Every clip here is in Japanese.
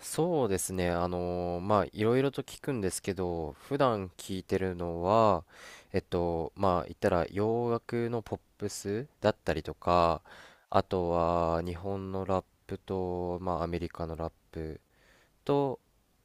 そうですね。まあ、いろいろと聞くんですけど、普段聞いてるのは、まあ、言ったら洋楽のポップスだったりとか、あとは日本のラップと、まあ、アメリカのラップと、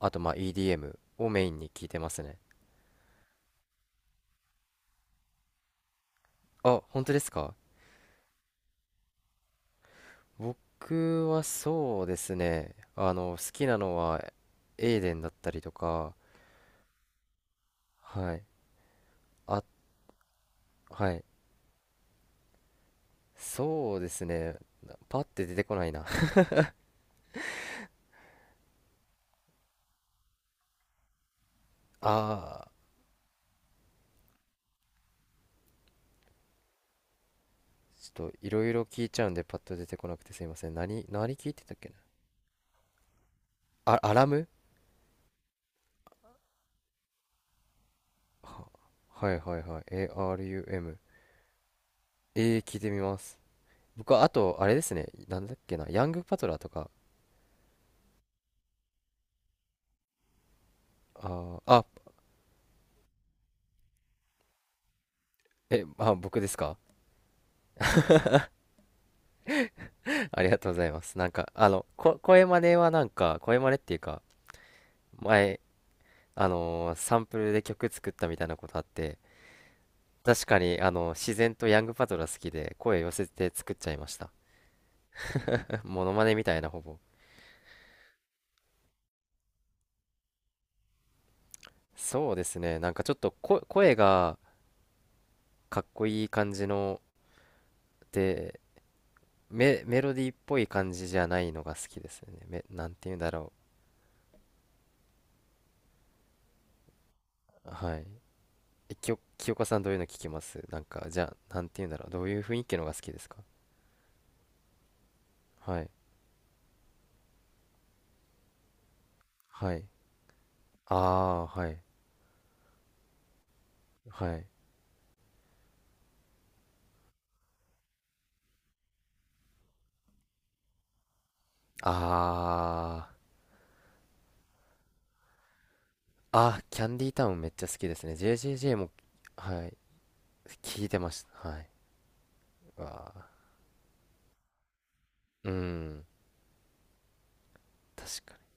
あと、まあ、EDM をメインに聞いてますね。あ、本当ですか？僕はそうですね。好きなのは、エイデンだったりとか、はい。あ、はい。そうですね。パッて出てこないな。ああ、ちょっといろいろ聞いちゃうんでパッと出てこなくてすいません。何聞いてたっけな。あ、アラム、はいはいはい。ARUM。聞いてみます。僕はあと、あれですね。なんだっけな。ヤングパトラーとか。ああ、あ、あ、僕ですか？ ありがとうございます。なんか、声真似はなんか、声真似っていうか、前、サンプルで曲作ったみたいなことあって、確かに、自然とヤングパトラ好きで、声寄せて作っちゃいました。モノマネみたいな、ほぼ。そうですね、なんかちょっと声がかっこいい感じの、で、メロディーっぽい感じじゃないのが好きですね。なんて言うんだろう。はい。え、きよ、清香さんどういうの聞きます？なんか、じゃあ、なんて言うんだろう。どういう雰囲気のが好きですか？はい。はい。ああ、はい。はい。ああ。あ、キャンディータウンめっちゃ好きですね。JJJ も、はい。聞いてました。はい。わあ。うん。確かに。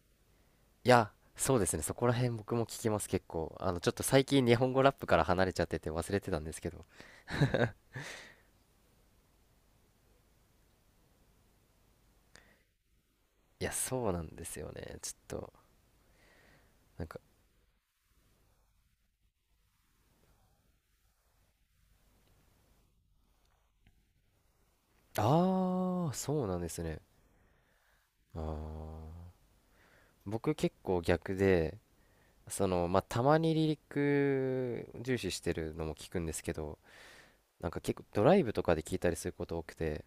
いや、そうですね。そこら辺僕も聞きます、結構。ちょっと最近日本語ラップから離れちゃってて忘れてたんですけど。いや、そうなんですよね。ちょっと、なんか、ああ、そうなんですね。ああ。僕結構逆で、まあ、たまにリリック重視してるのも聞くんですけど、なんか結構ドライブとかで聞いたりすること多くて、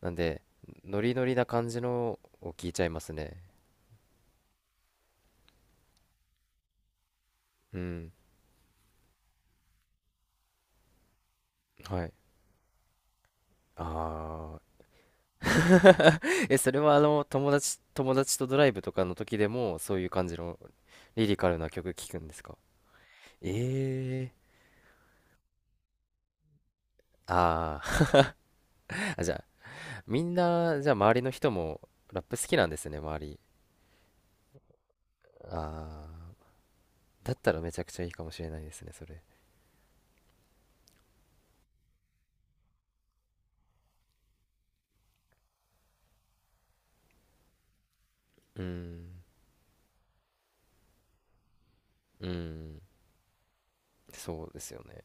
なんで、ノリノリな感じのを聞いちゃいますね。うん。はい。ああ。それは友達とドライブとかの時でも、そういう感じのリリカルな曲聴くんですか？ええ、ああー あ、じゃあ周りの人もラップ好きなんですね、周り。ああ。だったらめちゃくちゃいいかもしれないですね、それ。うん。うん。そうですよね。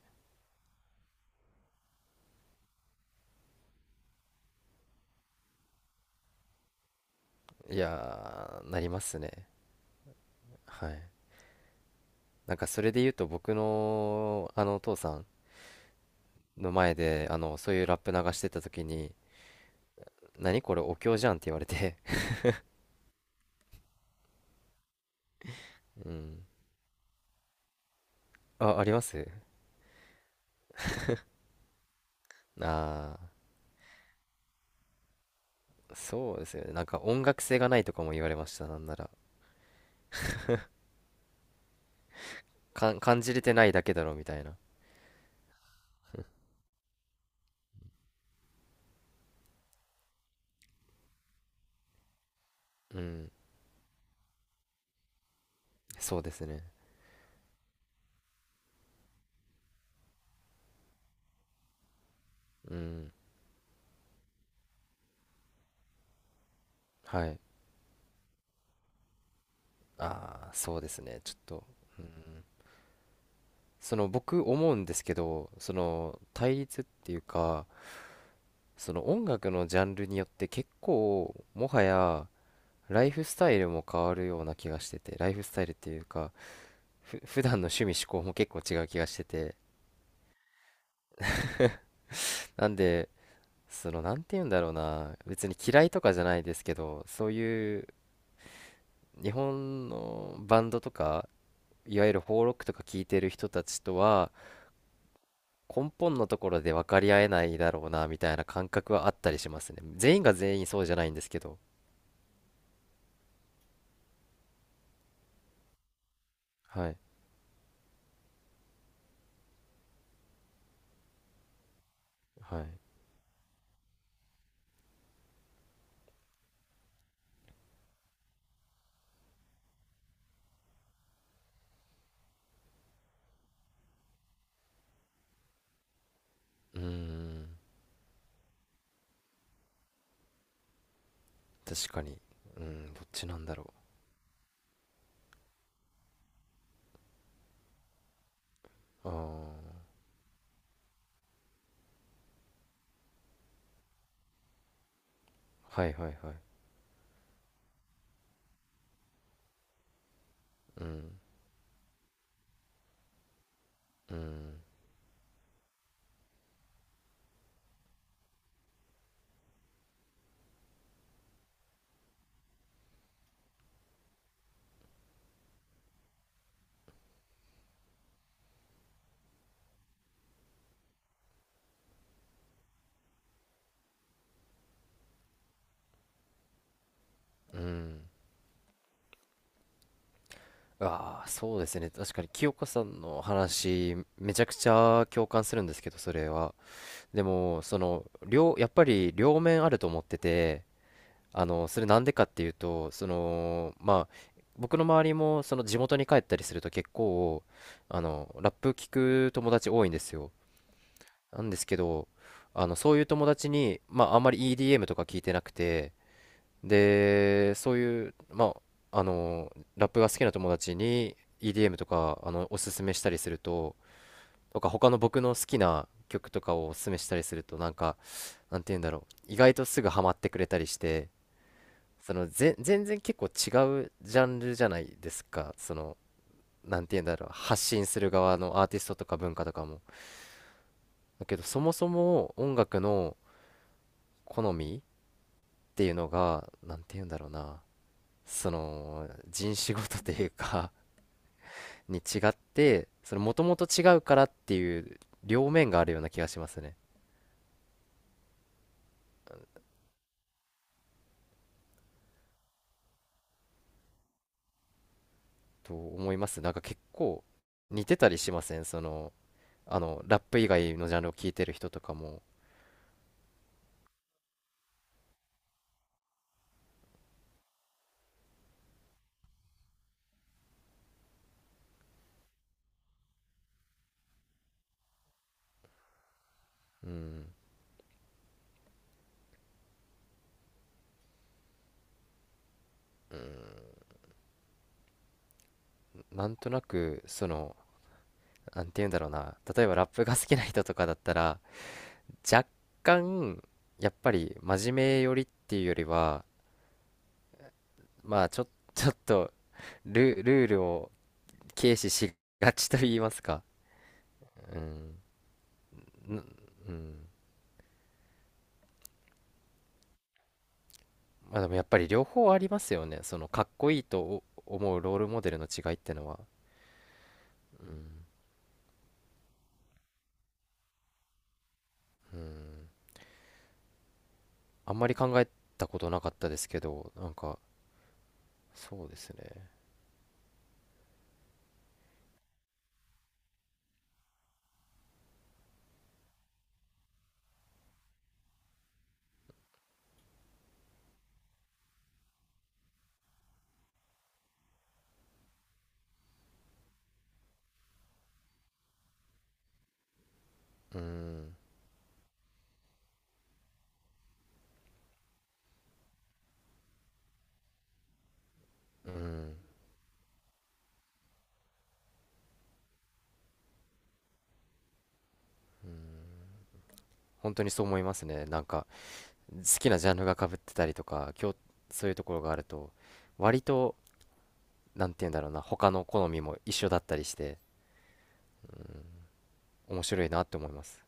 いやー、なりますね。はい。なんかそれで言うと、僕のお父さんの前でそういうラップ流してた時に、何これお経じゃんって言われて。 うん。あ、あります？ああー、そうですよね。なんか音楽性がないとかも言われました。なんなら。感じれてないだけだろみたいな。うん。そうですね。うん。はい。ああ、そうですね。ちょっと。うん。僕思うんですけど、その対立っていうか、その音楽のジャンルによって、結構もはやライフスタイルも変わるような気がしてて、ライフスタイルっていうか、普段の趣味嗜好も結構違う気がしてて、なんで、そのなんて言うんだろうな、別に嫌いとかじゃないですけど、そういう日本のバンドとか、いわゆる邦ロックとか聴いてる人たちとは、根本のところで分かり合えないだろうなみたいな感覚はあったりしますね。全員が全員そうじゃないんですけど。はいはい。うーん。確かに。うん、どっちなんだろう。ああー。はいはいはい。うんうんうん。ああ、そうですね。確かに清香さんの話、めちゃくちゃ共感するんですけど、それは。でも、やっぱり両面あると思ってて、それなんでかっていうと、まあ、僕の周りも、その地元に帰ったりすると結構、ラップ聞く友達多いんですよ。なんですけど、そういう友達に、まあ、あんまり EDM とか聞いてなくて、で、そういう、まあ、ラップが好きな友達に EDM とか、おすすめしたりすると、とか他の僕の好きな曲とかをおすすめしたりすると、なんか、なんて言うんだろう、意外とすぐハマってくれたりして、全然結構違うジャンルじゃないですか、その、なんて言うんだろう、発信する側のアーティストとか文化とかも。だけど、そもそも音楽の好みっていうのが、なんて言うんだろうな、その、人種ごとというかに違って、そのもともと違うからっていう両面があるような気がしますね、と思います。なんか結構似てたりしません？そのあの、ラップ以外のジャンルを聞いてる人とかも。うん。なんとなく、そのなんて言うんだろうな、例えばラップが好きな人とかだったら、若干やっぱり真面目寄りっていうよりは、まあちょちょっとルールを軽視しがちと言いますか。うん、うん。まあでもやっぱり両方ありますよね、そのかっこいいと思うロールモデルの違いってのは。うん、うん、あんまり考えたことなかったですけど、なんかそうですね。うんうん。本当にそう思いますね。なんか好きなジャンルが被ってたりとか、今日そういうところがあると、割となんて言うんだろうな、他の好みも一緒だったりして面白いなって思います。